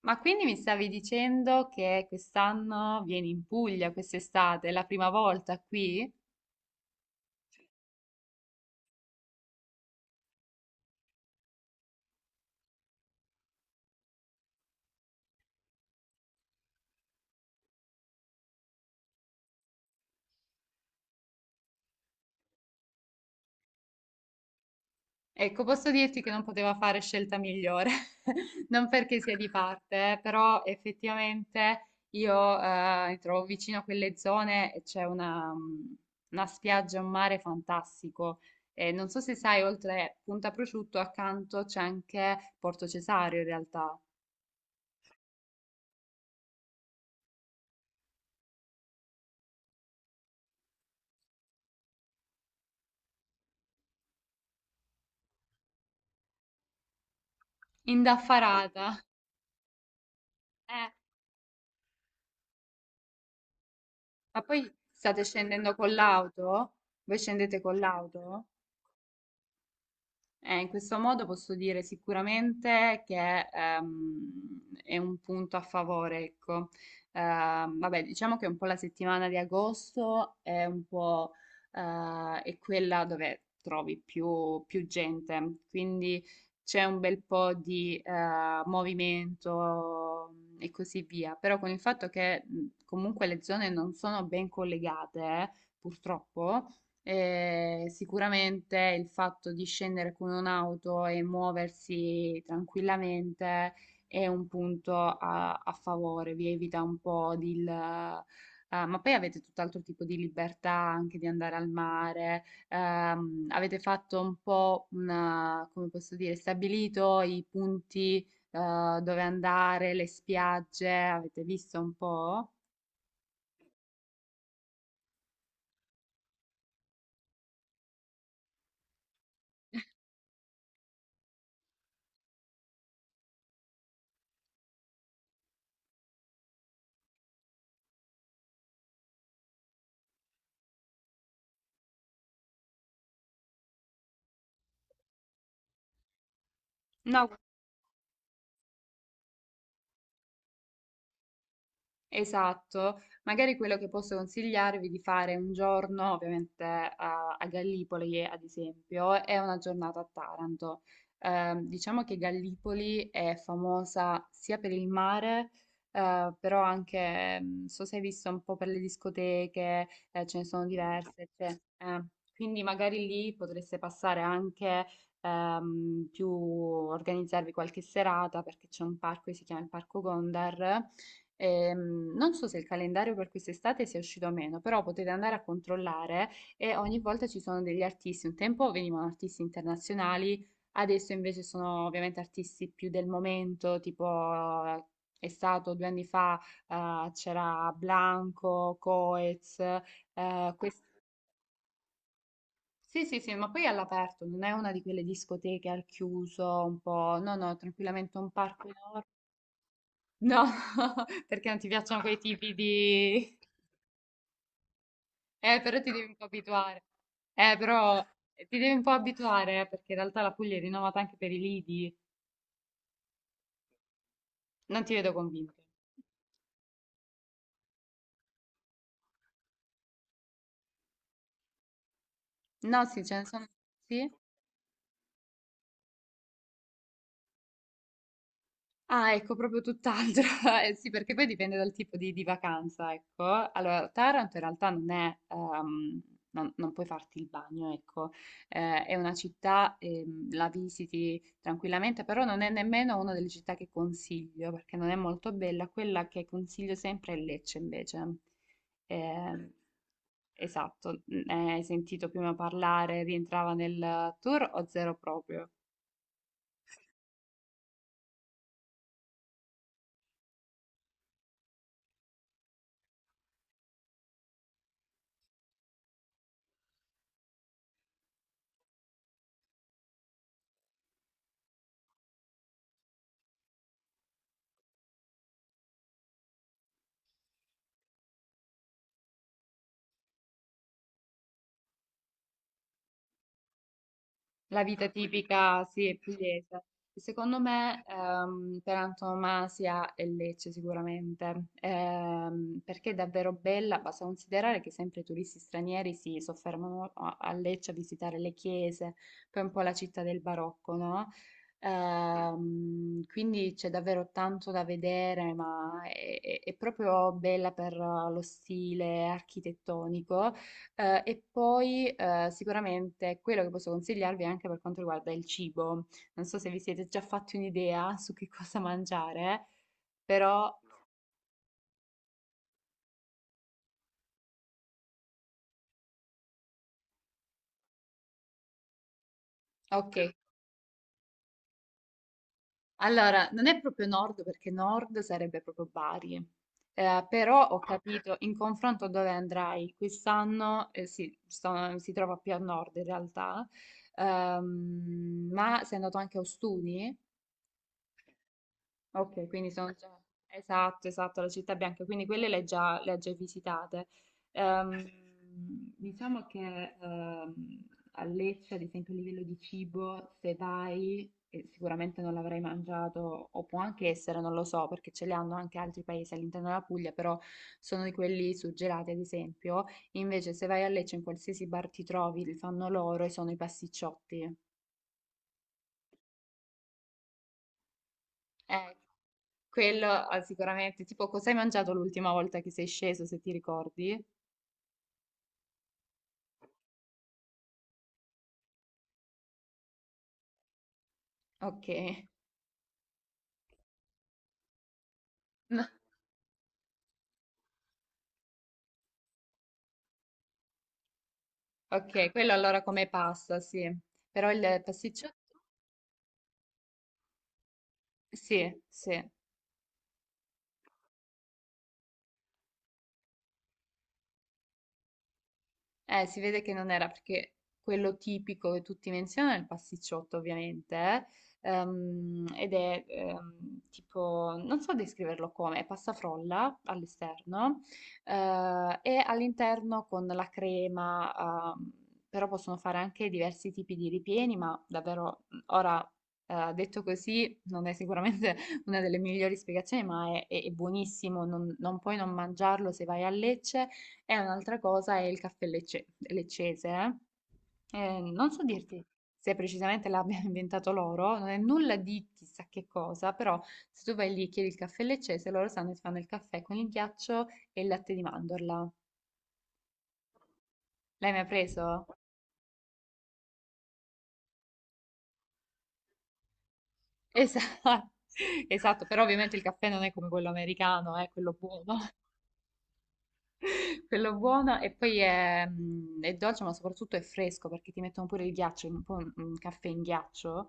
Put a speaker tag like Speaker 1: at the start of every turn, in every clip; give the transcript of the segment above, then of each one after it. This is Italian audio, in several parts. Speaker 1: Ma quindi mi stavi dicendo che quest'anno vieni in Puglia, quest'estate, è la prima volta qui? Ecco, posso dirti che non poteva fare scelta migliore, non perché sia di parte, però effettivamente io mi trovo vicino a quelle zone e c'è una spiaggia, un mare fantastico. E non so se sai, oltre Punta Prosciutto, accanto c'è anche Porto Cesareo in realtà, indaffarata. Eh, Ma poi state scendendo con l'auto? Voi scendete con l'auto? In questo modo posso dire sicuramente che è un punto a favore, ecco. Vabbè, diciamo che un po' la settimana di agosto è un po' è quella dove trovi più gente, quindi c'è un bel po' di movimento e così via. Però con il fatto che comunque le zone non sono ben collegate, purtroppo sicuramente il fatto di scendere con un'auto e muoversi tranquillamente è un punto a favore, vi evita un po' di... ma poi avete tutt'altro tipo di libertà anche di andare al mare, avete fatto un po' una, come posso dire, stabilito i punti, dove andare, le spiagge, avete visto un po'? No, esatto, magari quello che posso consigliarvi di fare un giorno, ovviamente a Gallipoli, ad esempio, è una giornata a Taranto. Diciamo che Gallipoli è famosa sia per il mare, però anche, mm, so se hai visto un po' per le discoteche, ce ne sono diverse, cioè, quindi magari lì potreste passare anche più, organizzarvi qualche serata perché c'è un parco che si chiama il Parco Gondar. Non so se il calendario per quest'estate sia uscito o meno, però potete andare a controllare e ogni volta ci sono degli artisti. Un tempo venivano artisti internazionali, adesso invece sono ovviamente artisti più del momento, tipo eh, è stato due anni fa, c'era Blanco, Coez, eh, quest- sì, sì, sì, ma poi è all'aperto, non è una di quelle discoteche al chiuso, un po', no, no, tranquillamente un parco enorme. No, perché non ti piacciono quei tipi di... però ti devi un po' abituare. Eh, però ti devi un po' abituare, perché in realtà la Puglia è rinomata anche per i lidi. Non ti vedo convinto. No, sì, ce ne sono. Sì? Ah, ecco, proprio tutt'altro. Sì, perché poi dipende dal tipo di vacanza, ecco. Allora, Taranto in realtà non è, non puoi farti il bagno, ecco. È una città, la visiti tranquillamente, però non è nemmeno una delle città che consiglio, perché non è molto bella. Quella che consiglio sempre è Lecce, invece. Ehm, esatto, hai sentito prima parlare, rientrava nel tour o zero proprio? La vita tipica, sì, è pugliese. Secondo me, per antonomasia è Lecce sicuramente, perché è davvero bella. Basta considerare che sempre i turisti stranieri si soffermano a Lecce a visitare le chiese, poi è un po' la città del barocco, no? Quindi c'è davvero tanto da vedere, ma è proprio bella per lo stile architettonico. E poi sicuramente quello che posso consigliarvi è anche per quanto riguarda il cibo. Non so se vi siete già fatti un'idea su che cosa mangiare, però ok. Allora, non è proprio nord perché nord sarebbe proprio Bari. Però ho ok capito in confronto dove andrai quest'anno, sì, si trova più a nord in realtà. Ma sei andato anche a Ostuni? Ok, quindi sono già... Esatto, esatto, la città bianca, quindi quelle le hai già visitate. Ehm, diciamo che a Lecce, ad esempio, a livello di cibo, se vai, sicuramente non l'avrai mangiato, o può anche essere, non lo so, perché ce li hanno anche altri paesi all'interno della Puglia, però sono di quelli suggelati, ad esempio. Invece, se vai a Lecce, in qualsiasi bar ti trovi, li fanno loro e sono i pasticciotti. Eh, Quello ah, sicuramente, tipo cosa hai mangiato l'ultima volta che sei sceso, se ti ricordi? Ok, ok, quello allora come pasta, sì. Però il pasticciotto? Sì, sì. Si vede che non era perché quello tipico che tutti menzionano è il pasticciotto, ovviamente, ed è tipo, non so descriverlo come, è pasta frolla all'esterno e all'interno con la crema, però possono fare anche diversi tipi di ripieni, ma davvero ora detto così non è sicuramente una delle migliori spiegazioni, ma è buonissimo, non puoi non mangiarlo se vai a Lecce, e un'altra cosa è il leccese, non so dirti se precisamente l'abbiano inventato loro, non è nulla di chissà che cosa, però se tu vai lì e chiedi il caffè leccese, loro sanno che ti fanno il caffè con il ghiaccio e il latte di mandorla. L'hai mai preso? Esatto. Esatto, però ovviamente il caffè non è come quello americano, è quello buono. Quello buono e poi è, mm, è dolce, ma soprattutto è fresco perché ti mettono pure il ghiaccio, un po' un caffè in ghiaccio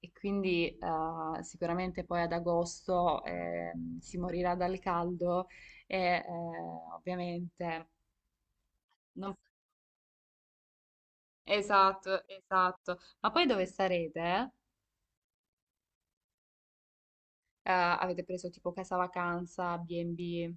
Speaker 1: e quindi sicuramente poi ad agosto si morirà dal caldo e eh, ovviamente non- esatto, esatto. Ma poi dove sarete? Avete preso tipo casa vacanza, B&B?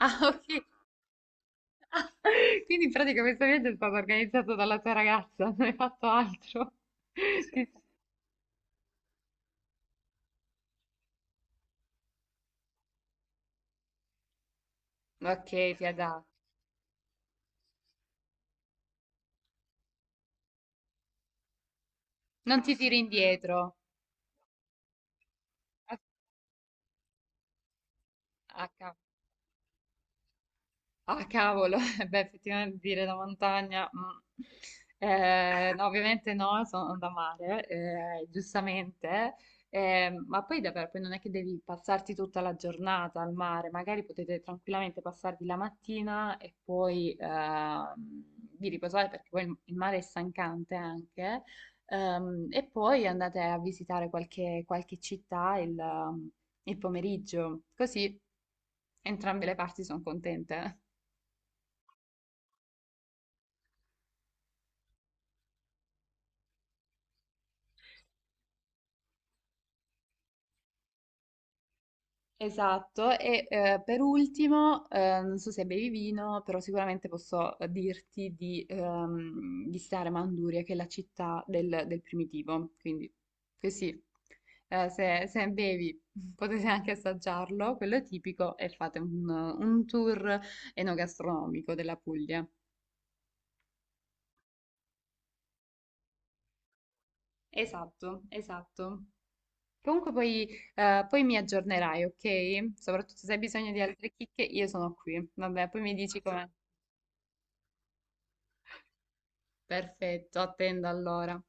Speaker 1: Ah, ok. Quindi in pratica questo viaggio è stato organizzato dalla tua ragazza, non hai fatto altro. Ti- ok, figa. Non ti tiri indietro. Ah, h. Ah, cavolo, eh beh, effettivamente dire da montagna, mm. No, ovviamente no, sono da mare, giustamente. Ma poi davvero, poi non è che devi passarti tutta la giornata al mare, magari potete tranquillamente passarvi la mattina e poi vi riposare perché poi il mare è stancante anche. E poi andate a visitare qualche, qualche città il pomeriggio, così entrambe le parti sono contente. Esatto, e per ultimo, non so se bevi vino, però sicuramente posso dirti di visitare Manduria, che è la città del primitivo, quindi così, se, se bevi potete anche assaggiarlo, quello è tipico, e fate un tour enogastronomico della Puglia. Esatto, esatto. Comunque poi, poi mi aggiornerai, ok? Soprattutto se hai bisogno di altre chicche, io sono qui. Vabbè, poi mi dici com'è. Perfetto, attendo allora.